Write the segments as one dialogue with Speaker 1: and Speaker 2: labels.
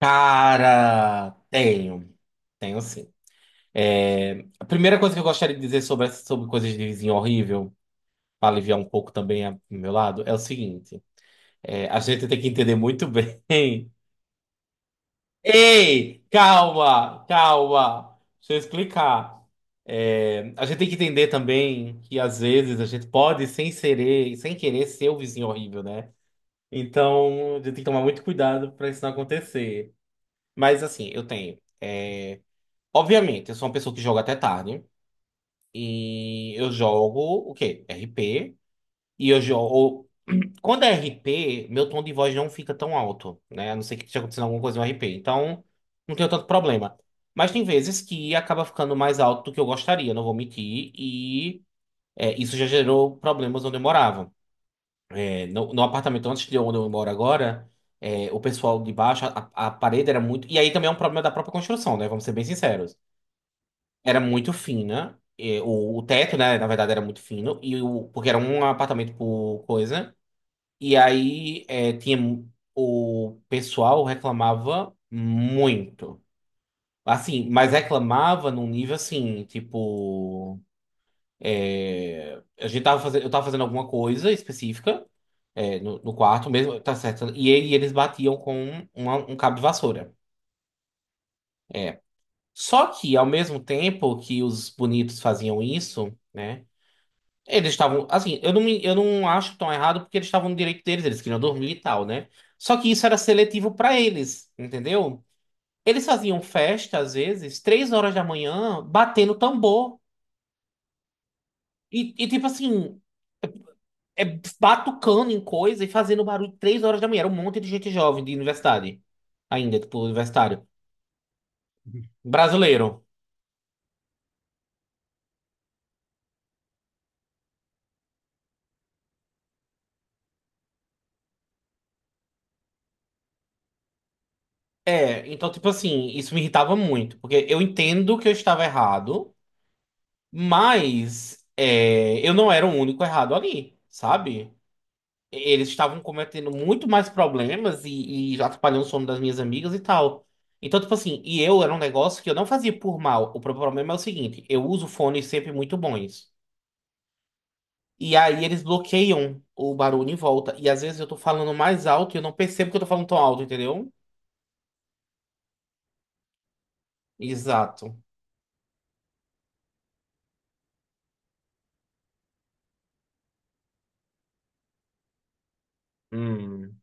Speaker 1: Cara, tenho sim. É, a primeira coisa que eu gostaria de dizer sobre, sobre coisas de vizinho horrível, para aliviar um pouco também do meu lado, é o seguinte: é, a gente tem que entender muito bem. Ei, calma, calma, deixa eu explicar. É, a gente tem que entender também que às vezes a gente pode, sem querer, sem querer, ser o vizinho horrível, né? Então, a gente tem que tomar muito cuidado para isso não acontecer. Mas assim, eu tenho. Obviamente, eu sou uma pessoa que joga até tarde. E eu jogo o quê? RP. E eu jogo. Quando é RP, meu tom de voz não fica tão alto, né? A não ser que esteja acontecendo alguma coisa no RP. Então, não tenho tanto problema. Mas tem vezes que acaba ficando mais alto do que eu gostaria, não vou mentir. E é, isso já gerou problemas onde eu morava. É, no apartamento antes de onde eu moro agora, é, o pessoal de baixo, a parede era muito. E aí também é um problema da própria construção, né? Vamos ser bem sinceros. Era muito fina. E o teto, né, na verdade, era muito fino. Porque era um apartamento por coisa. E aí é, o pessoal reclamava muito. Assim, mas reclamava num nível assim, tipo. É, a gente tava fazendo, eu tava fazendo alguma coisa específica, é, no quarto mesmo, tá certo. E aí eles batiam com um cabo de vassoura. Só que, ao mesmo tempo que os bonitos faziam isso, né? Eles estavam, assim, eu não acho tão errado porque eles estavam no direito deles, eles queriam dormir e tal, né? Só que isso era seletivo pra eles, entendeu? Eles faziam festa, às vezes, três horas da manhã, batendo tambor. E tipo assim, é, batucando em coisa e fazendo barulho três horas da manhã. Era um monte de gente jovem de universidade, ainda, tipo, universitário. Brasileiro. É, então, tipo assim, isso me irritava muito, porque eu entendo que eu estava errado. Mas é, eu não era o único errado ali, sabe? Eles estavam cometendo muito mais problemas e já atrapalhando o sono das minhas amigas e tal. Então, tipo assim, e eu era um negócio que eu não fazia por mal. O problema é o seguinte: eu uso fones sempre muito bons. E aí eles bloqueiam o barulho em volta. E às vezes eu tô falando mais alto e eu não percebo que eu tô falando tão alto, entendeu? Exato. Hum.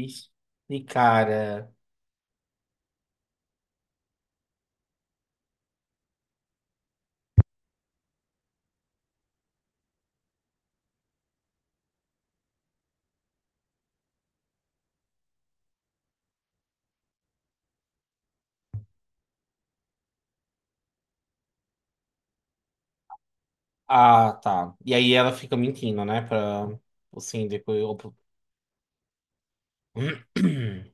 Speaker 1: Ixi, cara. Ah, tá. E aí ela fica mentindo, né? Pra o síndico.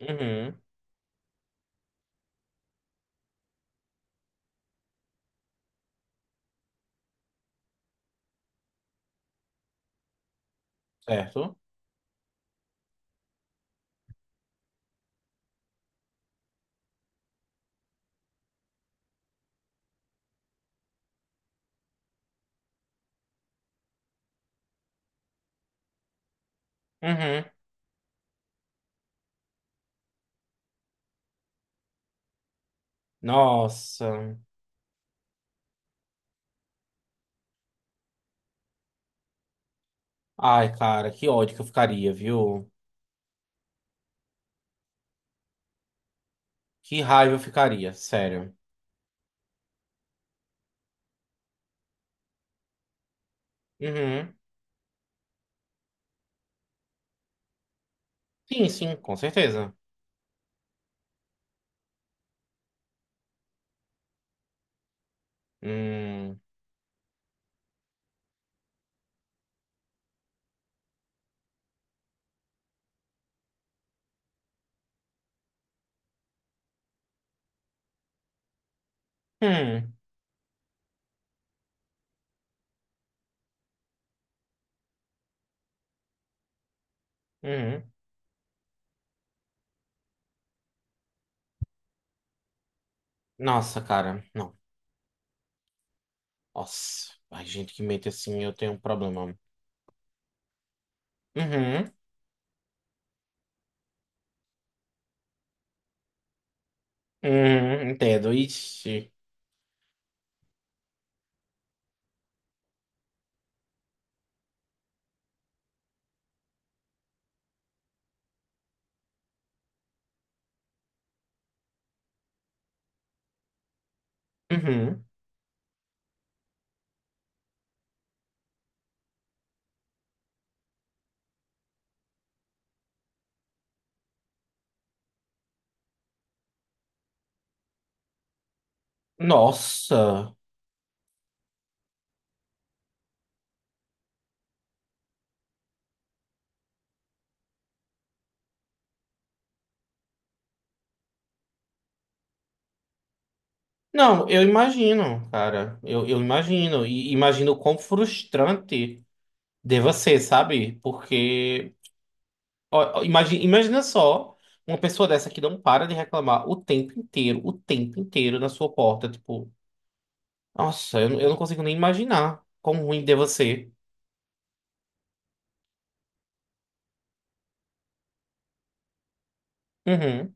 Speaker 1: Uhum. Certo? Uhum. Nossa. Ai, cara, que ódio que eu ficaria, viu? Que raiva eu ficaria, sério. Uhum. Sim, sim, com certeza. Hum. Hum. Uhum. Nossa, cara. Não. Nossa. Ai, gente que mente assim, eu tenho um problema. Uhum. Uhum. Entendo. Ixi. Uhum. Nossa. Não, eu imagino, cara. Eu imagino. E imagino o quão frustrante deva ser, sabe? Porque. Ó, ó, imagina só uma pessoa dessa que não para de reclamar o tempo inteiro na sua porta. Tipo, nossa, eu não consigo nem imaginar quão ruim deva ser. Uhum.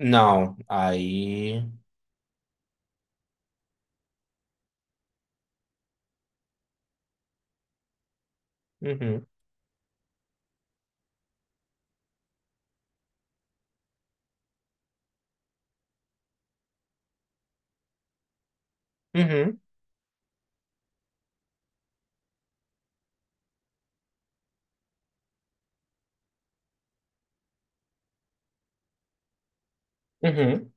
Speaker 1: Não, aí. Uhum. Uhum. Uhum.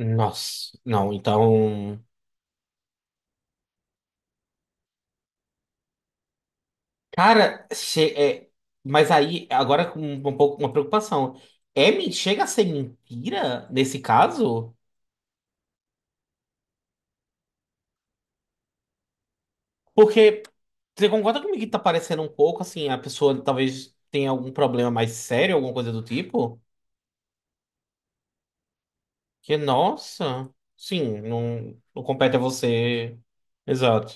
Speaker 1: Nossa, não, então. Cara, é, mas aí, agora com pouco uma preocupação. É, chega a ser mentira nesse caso? Porque você concorda comigo que tá parecendo um pouco assim, a pessoa talvez tenha algum problema mais sério, alguma coisa do tipo? Que, nossa, sim, não, não compete a você. Exato.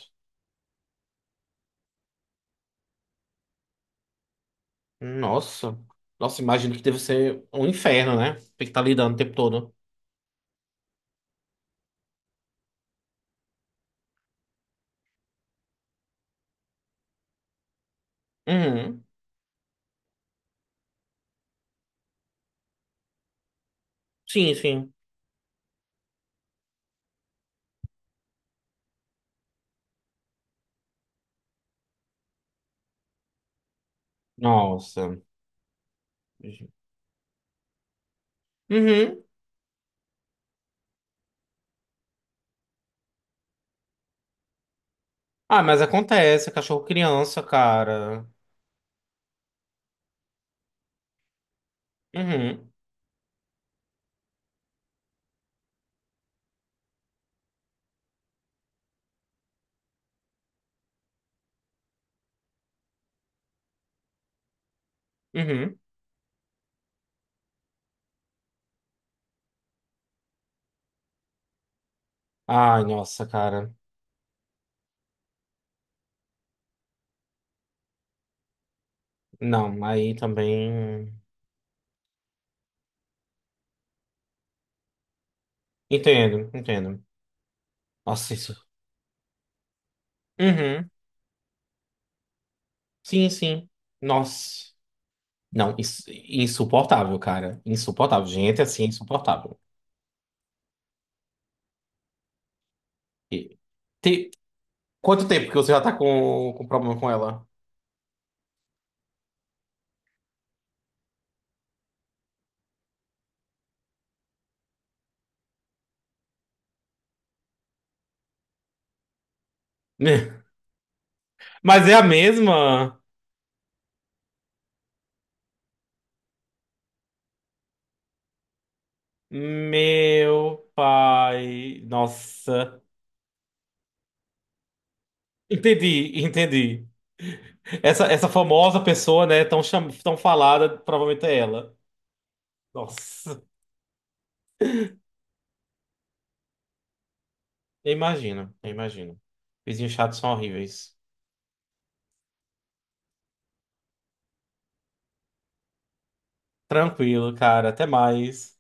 Speaker 1: Nossa. Nossa, imagino que deve ser um inferno, né? Tem que estar lidando o tempo todo. Uhum. Sim, sim. Nossa. Uhum. Ah, mas acontece, cachorro criança, cara. Uhum, uhum. Ai, nossa, cara. Não, aí também. Entendo, entendo. Nossa, isso. Uhum. Sim, sim. Nossa. Não, isso, insuportável, cara. Insuportável. Gente, assim, é insuportável. E- te- Quanto tempo que você já tá com, problema com ela? Mas é a mesma? Meu pai. Nossa. Entendi, entendi. Essa famosa pessoa, né, tão, tão falada, provavelmente é ela. Nossa, eu imagino, eu imagino. Vizinhos chatos são horríveis. Tranquilo, cara, até mais.